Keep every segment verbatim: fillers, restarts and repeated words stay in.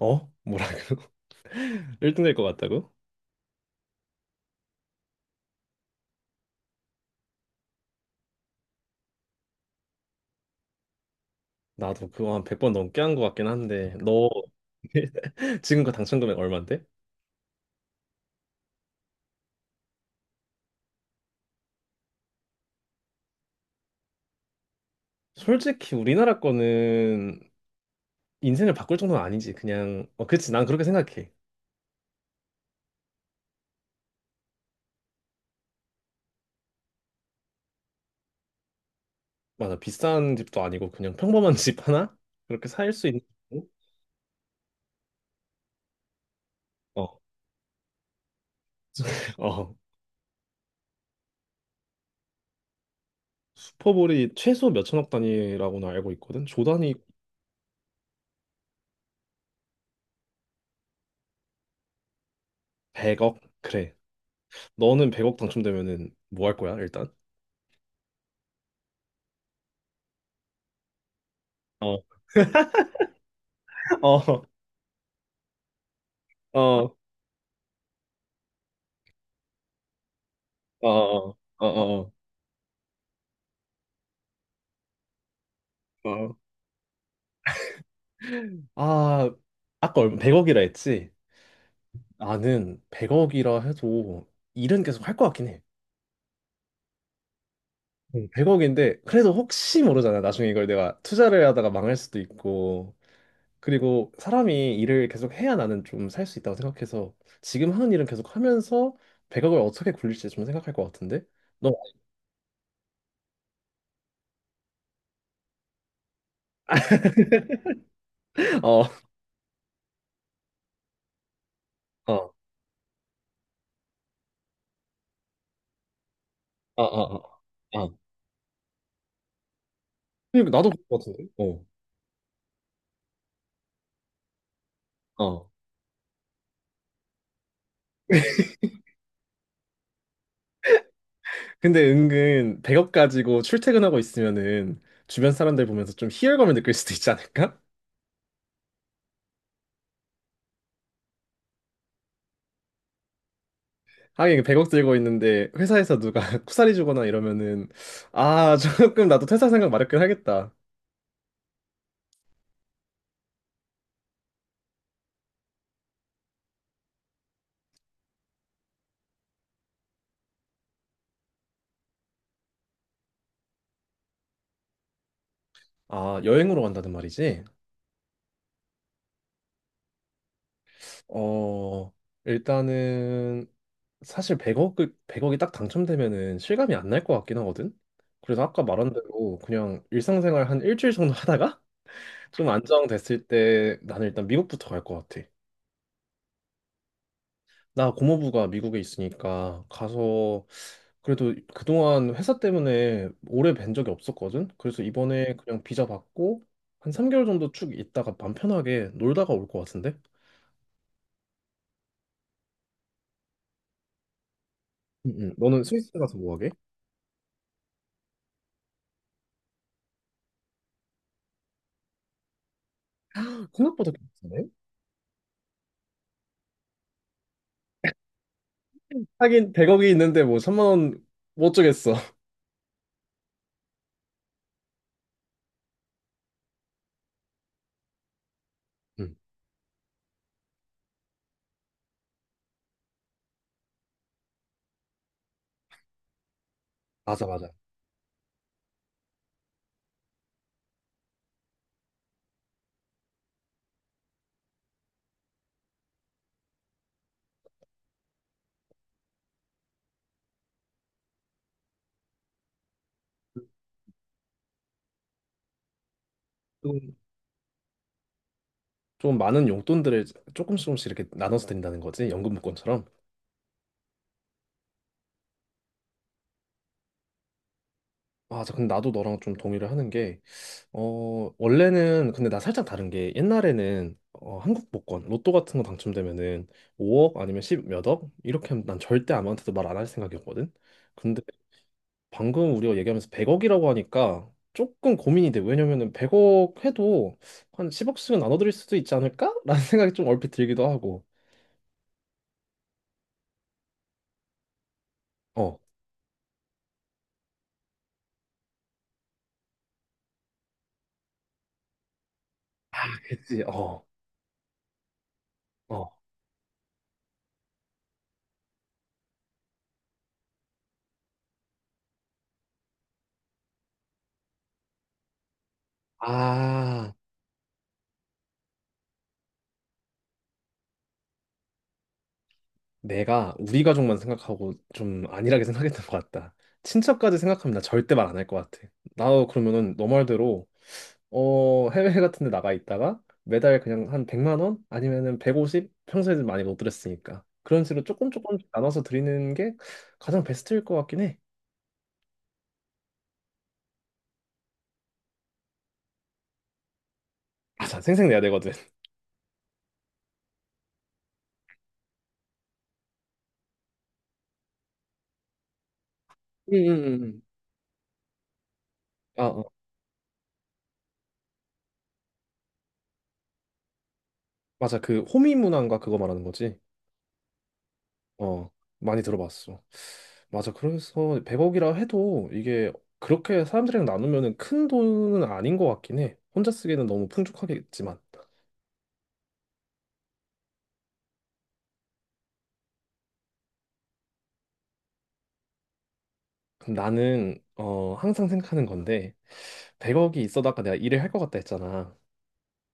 어? 뭐라고? 일 등 될 것 같다고? 나도 그거 한 백 번 넘게 한 것 같긴 한데 너 지금 그 당첨 금액 얼마인데? 솔직히 우리나라 거는 인생을 바꿀 정도는 아니지. 그냥 어 그치. 난 그렇게 생각해. 맞아, 비싼 집도 아니고 그냥 평범한 집 하나? 그렇게 살 수 있는 정도? 어, 어. 슈퍼볼이 최소 몇천억 단위라고는 알고 있거든. 조 단위. 백억? 그래. 너는 백억 당첨되면은 뭐 할 거야, 일단? 어, 어, 어, 어, 어, 어, 어, 어. 어. 아, 아까 얼마 백억이라 했지? 나는 백억이라 해도 일은 계속 할 것 같긴 해. 백억인데 그래도 혹시 모르잖아. 나중에 이걸 내가 투자를 하다가 망할 수도 있고. 그리고 사람이 일을 계속 해야 나는 좀 살 수 있다고 생각해서 지금 하는 일은 계속 하면서 백억을 어떻게 굴릴지 좀 생각할 것 같은데? 너 어, 어, 어, 어, 어. 어. 그리고 나도 그럴 것 같은데? 어, 어. 근데 은근 백억 가지고 출퇴근하고 있으면은 주변 사람들 보면서 좀 희열감을 느낄 수도 있지 않을까? 하긴 백억 들고 있는데 회사에서 누가 쿠사리 주거나 이러면은 아, 조금 나도 퇴사 생각 마렵긴 하겠다. 아, 여행으로 간다는 말이지? 어, 일단은 사실 백억 백억이 딱 당첨되면은 실감이 안 날 것 같긴 하거든. 그래서 아까 말한 대로 그냥 일상생활 한 일주일 정도 하다가 좀 안정됐을 때 나는 일단 미국부터 갈 것 같아. 나 고모부가 미국에 있으니까 가서 그래도 그동안 회사 때문에 오래 뵌 적이 없었거든. 그래서 이번에 그냥 비자 받고 한 삼 개월 정도 쭉 있다가 맘 편하게 놀다가 올 것 같은데? 응, 응. 너는 스위스 가서 뭐 하게? 생각보다 괜찮네. 하긴 백억이 있는데 뭐 삼만 원 못 주겠어. 응, 맞아, 맞아. 좀, 좀 많은 용돈들을 조금씩 조금씩 이렇게 나눠서 드린다는 거지. 연금 복권처럼. 맞아, 근데 나도 너랑 좀 동의를 하는 게, 어, 원래는, 근데 나 살짝 다른 게, 옛날에는, 어, 한국 복권, 로또 같은 거 당첨되면은 오억 아니면 십 몇억? 이렇게 하면 난 절대 아무한테도 말 안 할 생각이었거든? 근데 방금 우리가 얘기하면서 백억이라고 하니까 조금 고민이 돼. 왜냐면은 백억 해도 한 십억씩은 나눠드릴 수도 있지 않을까? 라는 생각이 좀 얼핏 들기도 하고. 어, 그치, 어, 어. 아, 내가 우리 가족만 생각하고 좀 안일하게 생각했던 것 같다. 친척까지 생각하면 나 절대 말 안 할 것 같아. 나도 그러면은 너 말대로 어 해외 같은 데 나가 있다가 매달 그냥 한 백만 원 아니면은 백오십, 평소에는 많이 못 드렸으니까 그런 식으로 조금 조금 나눠서 드리는 게 가장 베스트일 것 같긴 해. 맞 아, 생색 내야 되거든. 음, 음, 음. 아, 어. 맞아. 그 호미 문화인가 그거 말하는 거지. 어, 많이 들어봤어. 맞아. 그래서 백억이라 해도 이게 그렇게 사람들이랑 나누면은 큰 돈은 아닌 것 같긴 해. 혼자 쓰기에는 너무 풍족하겠지만. 그럼 나는 어 항상 생각하는 건데 백억이 있어도 아까 내가 일을 할 것 같다 했잖아.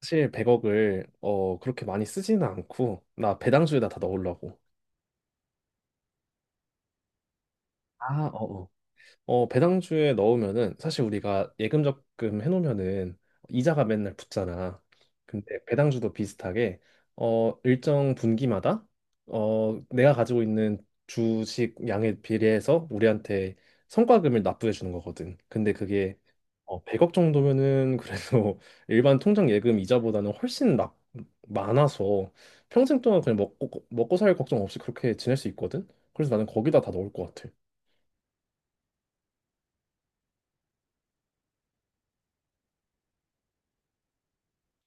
사실 백억을 어 그렇게 많이 쓰지는 않고 나 배당주에다 다 넣으려고. 아, 어어. 어, 배당주에 넣으면은 사실 우리가 예금 적금 해놓으면은 이자가 맨날 붙잖아. 근데 배당주도 비슷하게 어, 일정 분기마다 어, 내가 가지고 있는 주식 양에 비례해서 우리한테 성과금을 납부해 주는 거거든. 근데 그게, 어, 백억 정도면은 그래도 일반 통장 예금 이자보다는 훨씬 나, 많아서 평생 동안 그냥 먹고, 먹고 살 걱정 없이 그렇게 지낼 수 있거든. 그래서 나는 거기다 다 넣을 것 같아.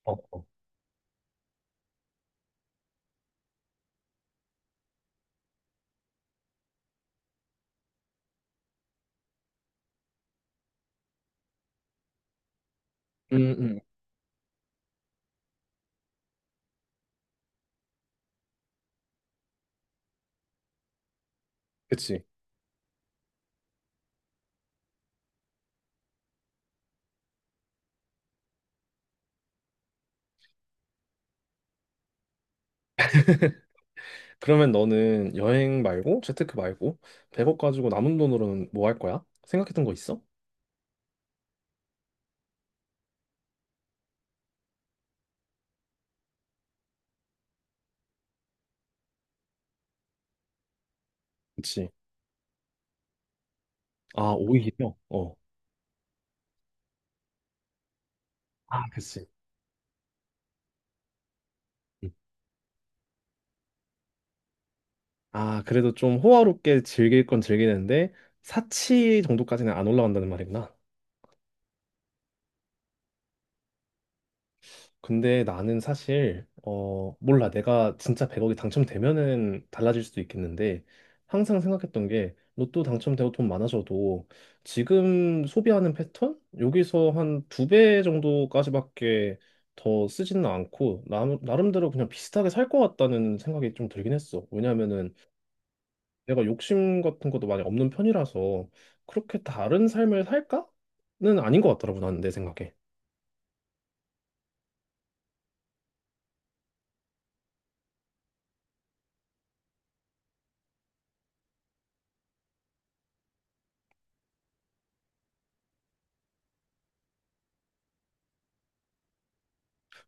어. 음, 음. 그치. 그러면 너는 여행 말고 재테크 말고 백억 가지고 남은 돈으로는 뭐 할 거야? 생각했던 거 있어? 그치. 아, 오히려? 어. 아, 그치. 음. 아, 그래도 좀 호화롭게 즐길 건 즐기는데 사치 정도까지는 안 올라간다는 말이구나. 근데 나는 사실 어 몰라. 내가 진짜 백억이 당첨되면은 달라질 수도 있겠는데 항상 생각했던 게 로또 당첨되고 돈 많아져도 지금 소비하는 패턴 여기서 한 두 배 정도까지밖에 더 쓰지는 않고 나, 나름대로 그냥 비슷하게 살 것 같다는 생각이 좀 들긴 했어. 왜냐면은 내가 욕심 같은 것도 많이 없는 편이라서 그렇게 다른 삶을 살까는 아닌 것 같더라고. 나는 내 생각에.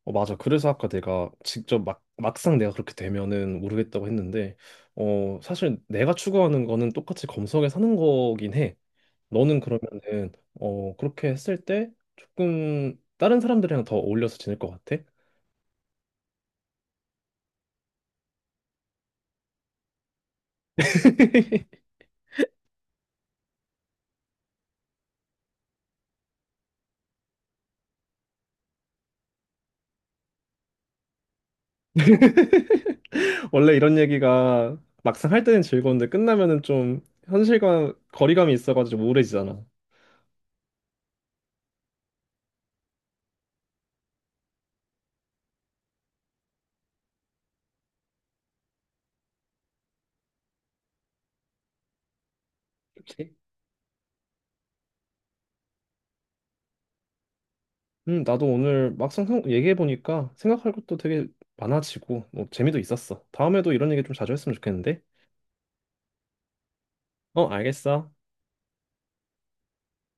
어, 맞아. 그래서 아까 내가 직접 막, 막상 내가 그렇게 되면은 모르겠다고 했는데, 어, 사실 내가 추구하는 거는 똑같이 검색에 사는 거긴 해. 너는 그러면은, 어, 그렇게 했을 때 조금 다른 사람들이랑 더 어울려서 지낼 것 같아? 원래 이런 얘기가 막상 할 때는 즐거운데 끝나면은 좀 현실과 거리감이 있어가지고 우울해지잖아. 그치? 음, 나도 오늘 막상 얘기해보니까 생각할 것도 되게 많아지고, 뭐, 재미도 있었어. 다음에도 이런 얘기 좀 자주 했으면 좋겠는데. 어, 알겠어.